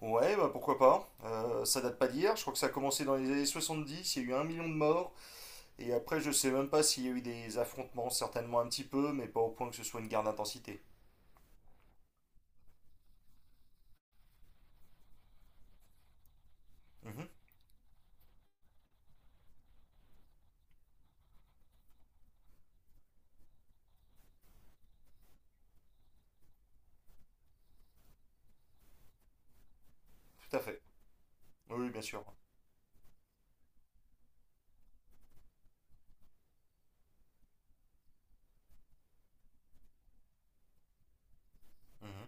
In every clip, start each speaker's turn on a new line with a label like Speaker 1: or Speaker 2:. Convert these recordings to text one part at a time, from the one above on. Speaker 1: Ouais, bah pourquoi pas. Ça date pas d'hier. Je crois que ça a commencé dans les années 70. Il y a eu un million de morts. Et après, je sais même pas s'il y a eu des affrontements. Certainement un petit peu, mais pas au point que ce soit une guerre d'intensité. Mhm, tout à fait. Oui, bien sûr. Mhm,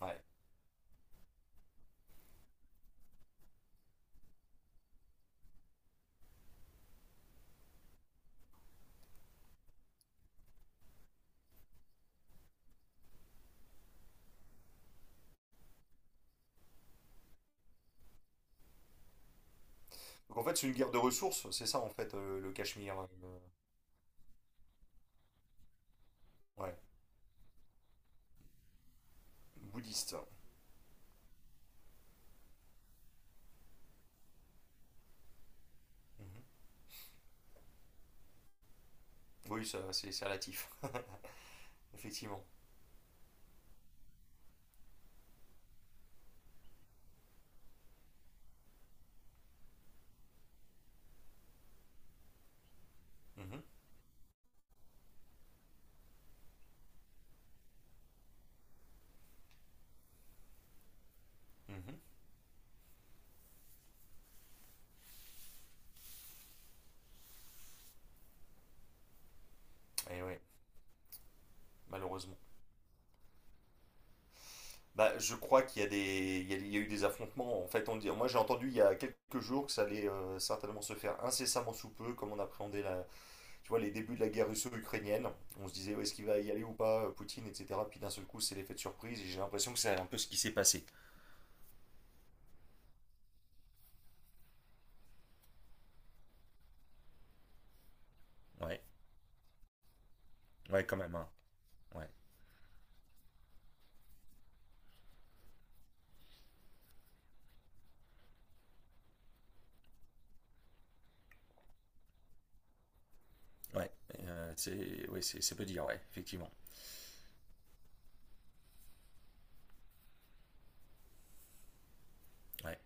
Speaker 1: ouais. Donc en fait, c'est une guerre de ressources. C'est ça, en fait, le Cachemire. Ouais. Bouddhiste. Mhm. Oui, ça, c'est relatif. Effectivement. Mhm, mhm. Et ouais, malheureusement. Bah, je crois qu'il y a il y a, il y a eu des affrontements. En fait, on le dit, moi j'ai entendu il y a quelques jours que ça allait certainement se faire incessamment sous peu, comme on appréhendait tu vois, les débuts de la guerre russo-ukrainienne. On se disait, ouais, est-ce qu'il va y aller ou pas, Poutine, etc. Puis d'un seul coup, c'est l'effet de surprise. Et j'ai l'impression que c'est un peu ce qui s'est passé. Ouais, ouais, quand même, hein. Ouais, ouais, c'est, ouais, c'est peu dire. Ouais, effectivement. Ouais.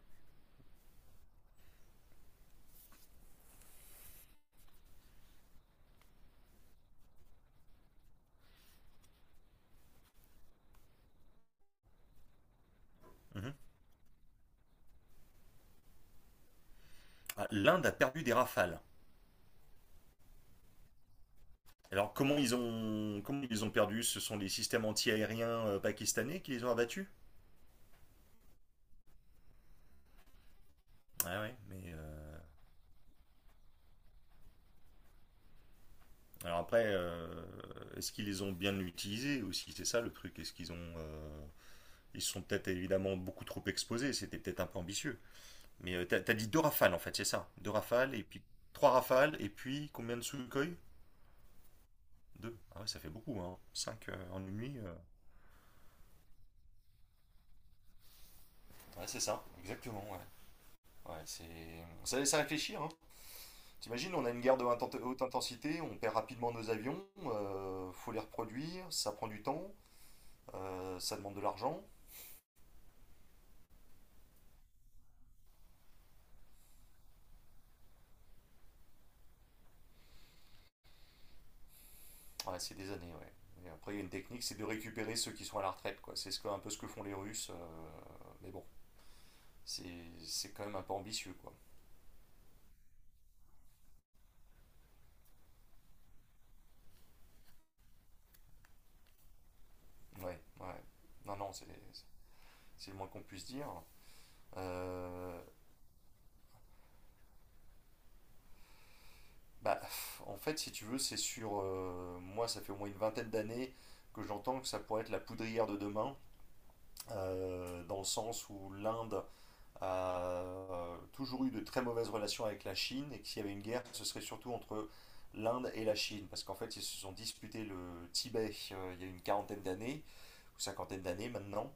Speaker 1: Mhm. Ah, l'Inde a perdu des rafales. Alors comment ils ont, comment ils les ont perdu? Ce sont les systèmes anti-aériens pakistanais qui les ont abattus? Ouais, ouais, mais. Alors après, est-ce qu'ils les ont bien utilisés aussi? C'est ça le truc. Est-ce qu'ils ont, ils se sont peut-être évidemment beaucoup trop exposés. C'était peut-être un peu ambitieux. Mais t'as, t'as dit deux rafales en fait, c'est ça. Deux rafales et puis trois rafales et puis combien de Sukhoi? Deux. Ah ouais, ça fait beaucoup, hein. Cinq en une nuit. Ouais, c'est ça, exactement, ouais. Ouais, c'est… Ça laisse à réfléchir, hein. T'imagines, on a une guerre de haute intensité, on perd rapidement nos avions, faut les reproduire, ça prend du temps, ça demande de l'argent. Ouais, c'est des années, ouais. Et après, il y a une technique, c'est de récupérer ceux qui sont à la retraite, quoi. Un peu ce que font les Russes, mais bon, c'est quand même un peu ambitieux, quoi. Ouais, ouais. Non, non, c'est le moins qu'on puisse dire. Euh, bah, pff, en fait, si tu veux, c'est sur… moi, ça fait au moins une vingtaine d'années que j'entends que ça pourrait être la poudrière de demain, dans le sens où l'Inde a toujours eu de très mauvaises relations avec la Chine et que s'il y avait une guerre, ce serait surtout entre l'Inde et la Chine, parce qu'en fait, ils se sont disputés le Tibet il y a une quarantaine d'années, ou cinquantaine d'années maintenant.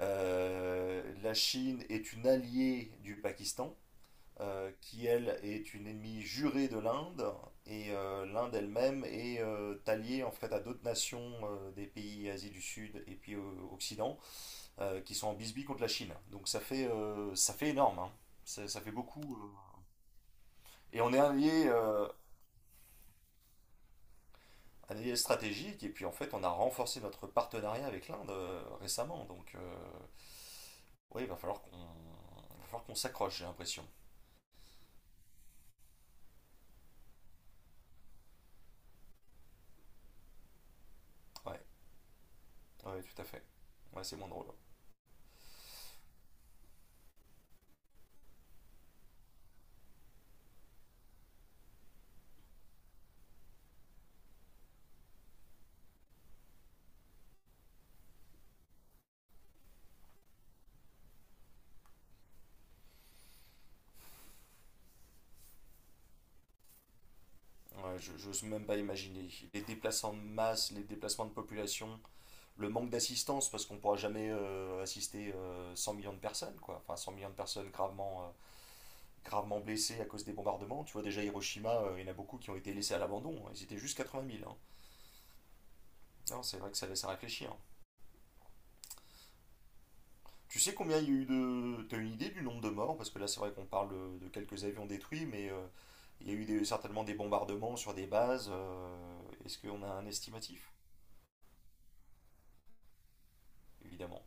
Speaker 1: La Chine est une alliée du Pakistan, qui elle est une ennemie jurée de l'Inde, et l'Inde elle-même est alliée en fait à d'autres nations des pays Asie du Sud et puis Occident, qui sont en bisbee contre la Chine. Donc ça fait énorme, hein. Ça fait beaucoup. Et on est un allié stratégique, et puis en fait on a renforcé notre partenariat avec l'Inde récemment. Donc oui, il va falloir qu'on il va falloir qu'on s'accroche, j'ai l'impression. Ouais, ouais, tout à fait. Ouais, c'est moins drôle. Ouais, je n'ose même pas imaginer. Les déplacements de masse, les déplacements de population, le manque d'assistance, parce qu'on ne pourra jamais assister 100 millions de personnes, quoi. Enfin, 100 millions de personnes gravement, gravement blessés à cause des bombardements. Tu vois, déjà Hiroshima, il y en a beaucoup qui ont été laissés à l'abandon. Ils étaient juste 80 000, hein. Non, c'est vrai que ça laisse à réfléchir. Tu sais combien il y a eu de. T'as une idée du nombre de morts? Parce que là, c'est vrai qu'on parle de quelques avions détruits, mais il y a eu certainement des bombardements sur des bases. Est-ce qu'on a un estimatif? Évidemment.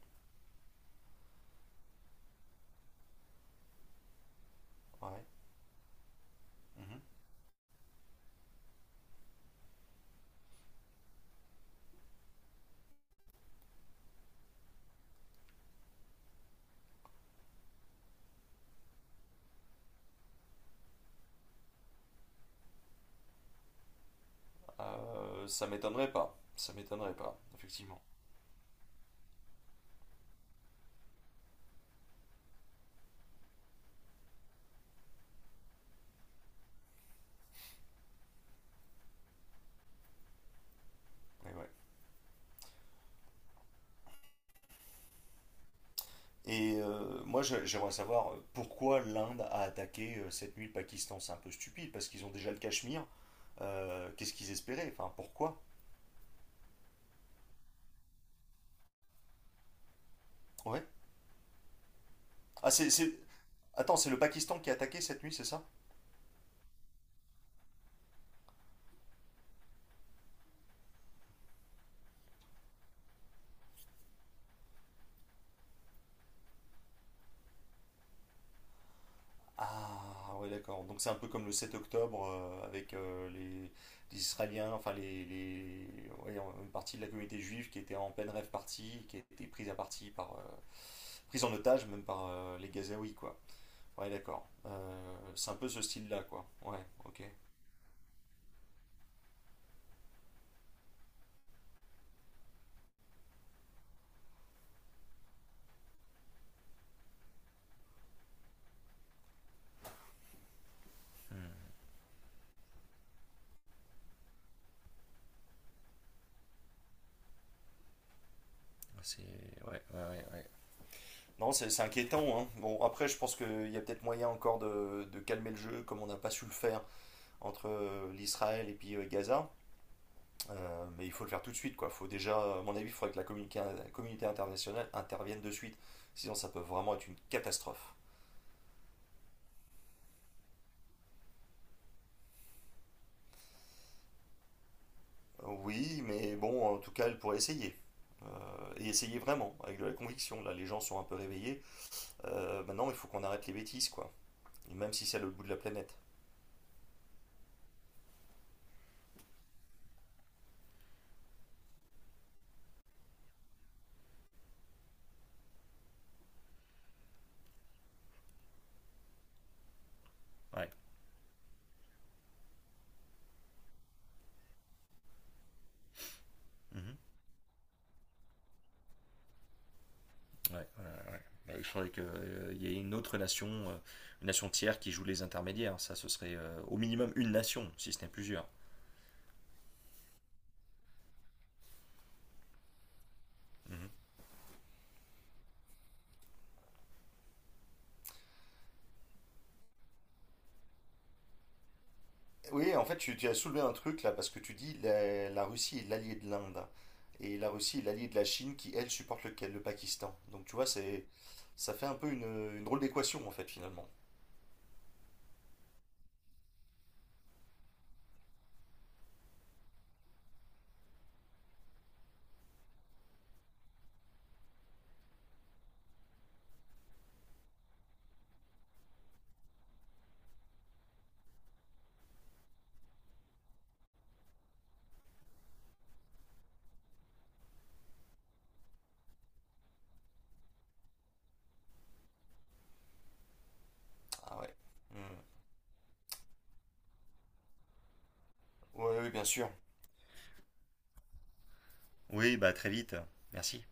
Speaker 1: Ouais. Mhm. Ça m'étonnerait pas. Ça m'étonnerait pas, effectivement. Mais ouais. Et moi, j'aimerais savoir pourquoi l'Inde a attaqué cette nuit le Pakistan. C'est un peu stupide parce qu'ils ont déjà le Cachemire. Qu'est-ce qu'ils espéraient? Enfin, pourquoi? Ouais. Ah, c'est, c'est- Attends, c'est le Pakistan qui a attaqué cette nuit, c'est ça? Ah, ouais, d'accord. Donc c'est un peu comme le 7 octobre avec les… les Israéliens, enfin ouais, une partie de la communauté juive qui était en pleine rêve partie, qui a été prise à partie par, prise en otage même par les Gazaouis, quoi. Ouais, d'accord. C'est un peu ce style-là, quoi. Ouais, ok. Ouais. Non, c'est inquiétant, hein. Bon, après, je pense qu'il y a peut-être moyen encore de calmer le jeu, comme on n'a pas su le faire entre l'Israël et puis Gaza. Mais il faut le faire tout de suite, quoi. Faut déjà, à mon avis, il faudrait que la la communauté internationale intervienne de suite. Sinon, ça peut vraiment être une catastrophe. Oui, mais bon, en tout cas, elle pourrait essayer. Et essayer vraiment, avec de la conviction. Là, les gens sont un peu réveillés. Maintenant, il faut qu'on arrête les bêtises, quoi. Et même si c'est à l'autre bout de la planète. Ouais. Mhm. Ouais, ouais, ouais. Bah, je croyais qu'il y ait une autre nation, une nation tiers qui joue les intermédiaires. Ça, ce serait au minimum une nation, si ce n'est plusieurs. Mhm. Oui, en fait, tu as soulevé un truc là, parce que tu dis la Russie est l'alliée de l'Inde. Et la Russie est l'alliée de la Chine qui, elle, supporte le Pakistan. Donc, tu vois, c'est, ça fait un peu une drôle d'équation, en fait, finalement. Ah ouais. Mhm. Ouais, oui, bien sûr. Oui, bah très vite. Merci.